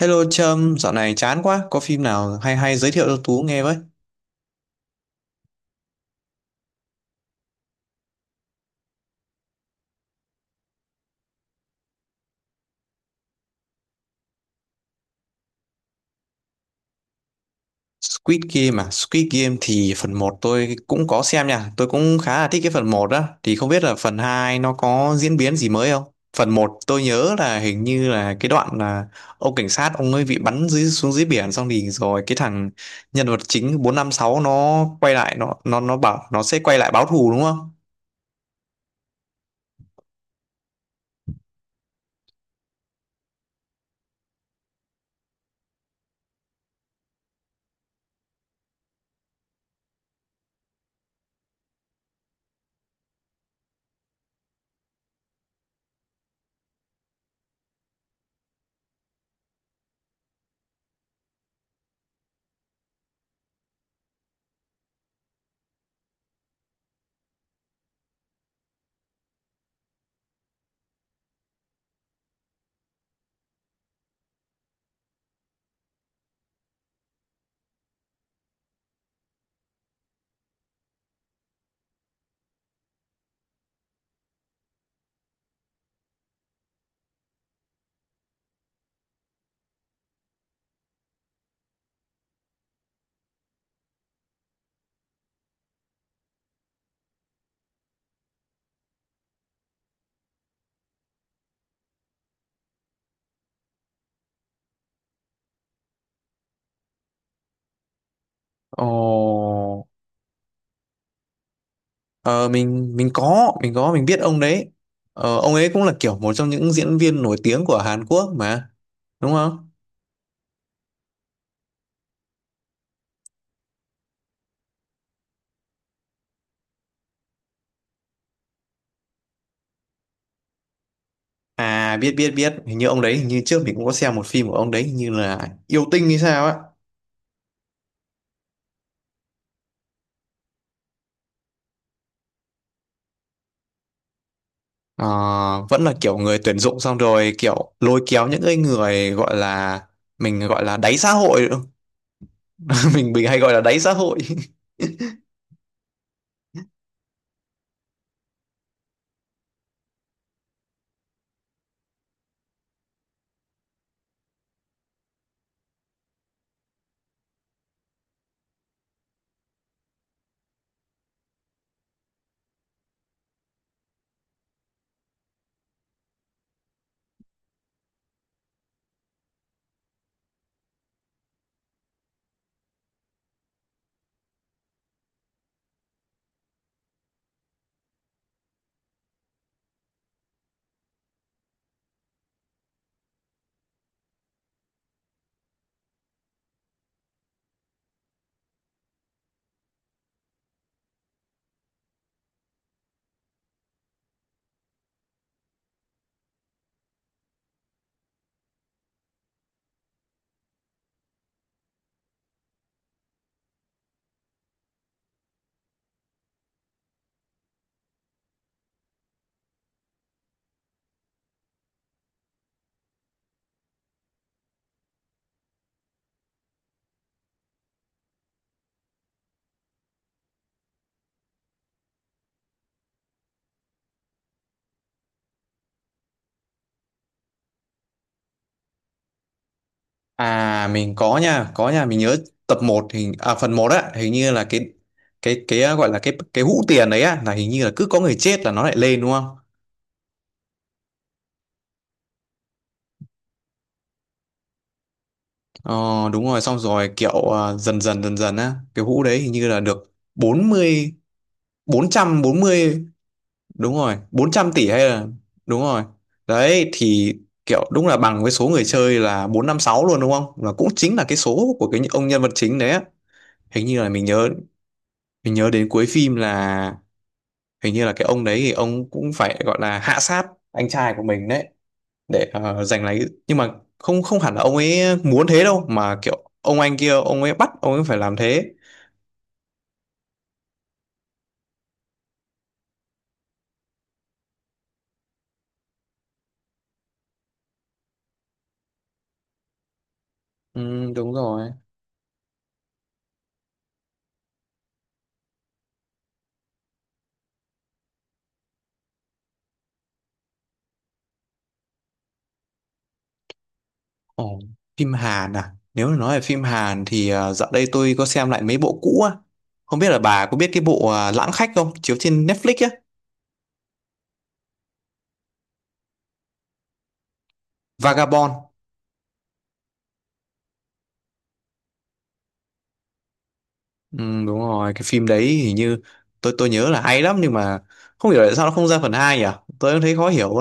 Hello Trâm, dạo này chán quá, có phim nào hay hay giới thiệu cho Tú nghe với. Squid Game à, Squid Game thì phần một tôi cũng có xem nha, tôi cũng khá là thích cái phần một đó, thì không biết là phần 2 nó có diễn biến gì mới không? Phần một tôi nhớ là hình như là cái đoạn là ông cảnh sát ông ấy bị bắn dưới xuống dưới biển xong thì rồi cái thằng nhân vật chính 456 nó quay lại nó nó bảo nó sẽ quay lại báo thù đúng không? Ồ. Ờ, mình có mình biết ông đấy, ông ấy cũng là kiểu một trong những diễn viên nổi tiếng của Hàn Quốc mà đúng không? À, biết biết biết, hình như ông đấy, hình như trước mình cũng có xem một phim của ông đấy, hình như là yêu tinh hay sao á. Ờ, vẫn là kiểu người tuyển dụng xong rồi kiểu lôi kéo những cái người gọi là, mình gọi là đáy xã hội đúng không? Mình hay gọi là đáy xã hội. À mình có nha, mình nhớ tập một, hình phần một á, hình như là gọi là cái hũ tiền đấy á, là hình như là cứ có người chết là nó lại lên đúng không? Ờ đúng rồi, xong rồi kiểu dần dần dần dần á, cái hũ đấy hình như là được bốn bốn mươi, bốn trăm bốn mươi, đúng rồi, 400 tỷ hay là, đúng rồi. Đấy thì kiểu đúng là bằng với số người chơi là 456 luôn đúng không? Và cũng chính là cái số của cái ông nhân vật chính đấy á. Hình như là mình nhớ, mình nhớ đến cuối phim là hình như là cái ông đấy thì ông cũng phải gọi là hạ sát anh trai của mình đấy để giành lấy, nhưng mà không, không hẳn là ông ấy muốn thế đâu mà kiểu ông anh kia ông ấy bắt ông ấy phải làm thế. Ừ, đúng rồi. Ồ, phim Hàn à, nếu mà nói về phim Hàn thì dạo đây tôi có xem lại mấy bộ cũ á. Không biết là bà có biết cái bộ Lãng Khách không, chiếu trên Netflix á. Vagabond. Ừ, đúng rồi, cái phim đấy hình như tôi nhớ là hay lắm, nhưng mà không hiểu tại sao nó không ra phần 2 nhỉ, tôi cũng thấy khó hiểu.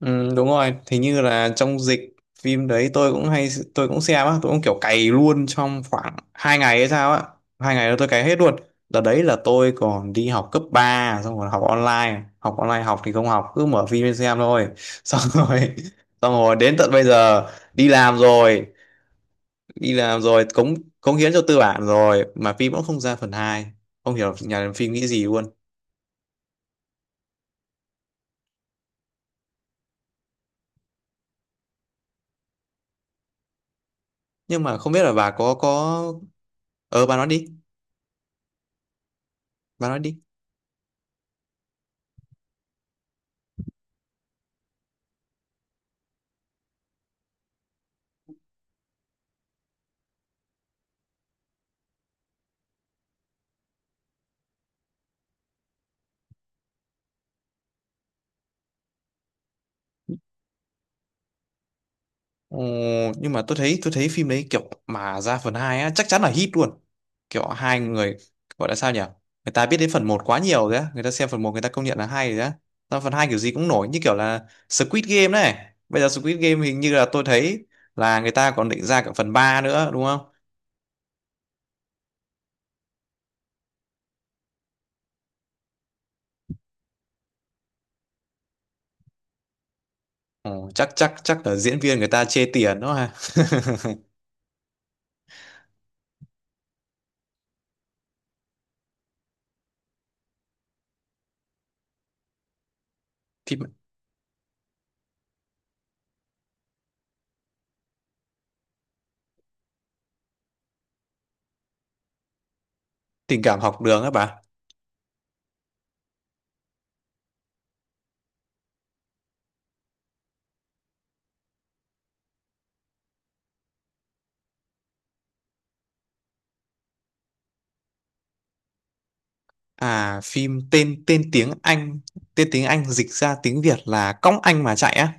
Ừ, đúng rồi, thì như là trong dịch phim đấy tôi cũng hay, tôi cũng xem á, tôi cũng kiểu cày luôn trong khoảng hai ngày hay sao á. Hai ngày đó tôi cày hết luôn. Đợt đấy là tôi còn đi học cấp ba, xong rồi học online, học online học thì không học, cứ mở phim lên xem thôi. Xong rồi xong rồi đến tận bây giờ đi làm rồi, đi làm rồi cống cống hiến cho tư bản rồi mà phim cũng không ra phần hai. Không hiểu nhà làm phim nghĩ gì luôn. Nhưng mà không biết là bà có, bà nói đi, bà nói đi. Ồ, nhưng mà tôi thấy, tôi thấy phim đấy kiểu mà ra phần 2 á chắc chắn là hit luôn, kiểu hai người gọi là sao nhỉ, người ta biết đến phần một quá nhiều rồi á, người ta xem phần một người ta công nhận là hay rồi á, ra phần 2 kiểu gì cũng nổi, như kiểu là Squid Game này, bây giờ Squid Game hình như là tôi thấy là người ta còn định ra cả phần ba nữa đúng không? Ồ, chắc chắc chắc là diễn viên người ta chê tiền đó ha phim tình cảm học đường á bà. À phim tên, tiếng Anh, tên tiếng Anh dịch ra tiếng Việt là cõng anh mà chạy á.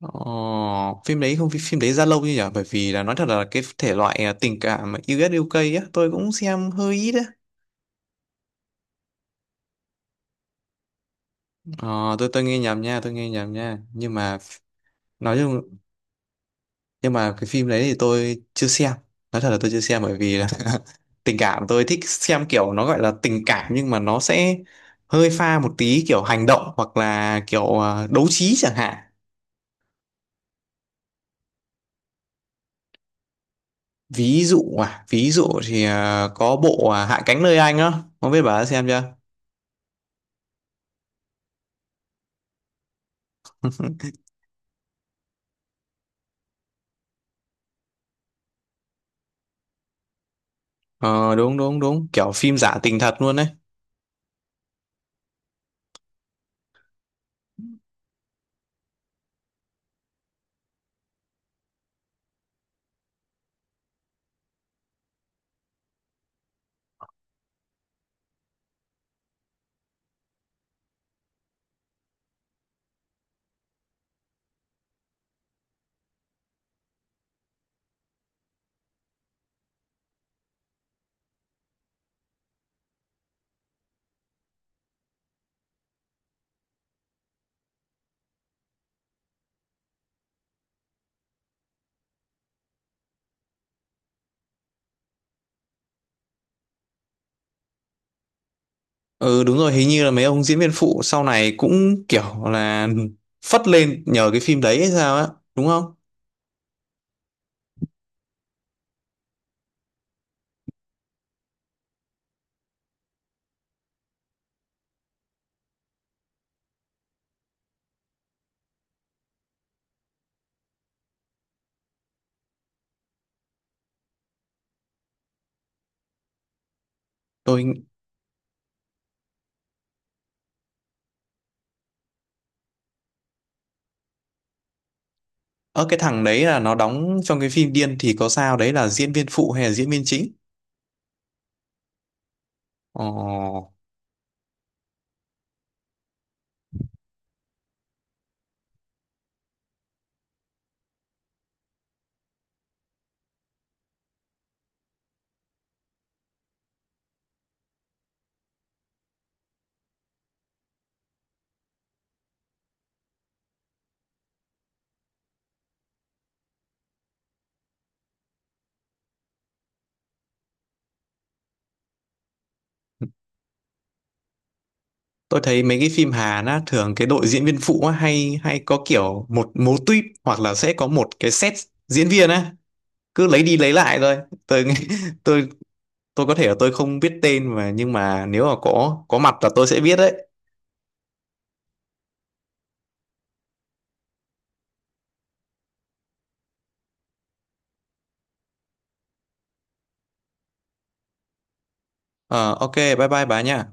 Ồ, phim đấy không, phim đấy ra lâu như nhỉ, bởi vì là nói thật là cái thể loại tình cảm mà US UK á tôi cũng xem hơi ít á. Ờ, tôi nghe nhầm nha, tôi nghe nhầm nha, nhưng mà nói chung, nhưng mà cái phim đấy thì tôi chưa xem, nói thật là tôi chưa xem, bởi vì là tình cảm tôi thích xem kiểu nó gọi là tình cảm nhưng mà nó sẽ hơi pha một tí kiểu hành động hoặc là kiểu đấu trí chẳng hạn. Ví dụ ví dụ thì có bộ Hạ cánh nơi anh á, không biết bà đã xem chưa. Ờ đúng đúng đúng, kiểu phim giả tình thật luôn đấy. Ừ đúng rồi, hình như là mấy ông diễn viên phụ sau này cũng kiểu là phất lên nhờ cái phim đấy hay sao á, đúng không? Tôi, ở cái thằng đấy là nó đóng trong cái phim Điên thì có sao đấy là diễn viên phụ hay là diễn viên chính? Ồ. Tôi thấy mấy cái phim Hàn á thường cái đội diễn viên phụ á, hay hay có kiểu một mô típ hoặc là sẽ có một cái set diễn viên á, cứ lấy đi lấy lại thôi. Tôi tôi tôi có thể là tôi không biết tên mà, nhưng mà nếu mà có mặt là tôi sẽ biết đấy. Ờ, ok bye bye bà nha.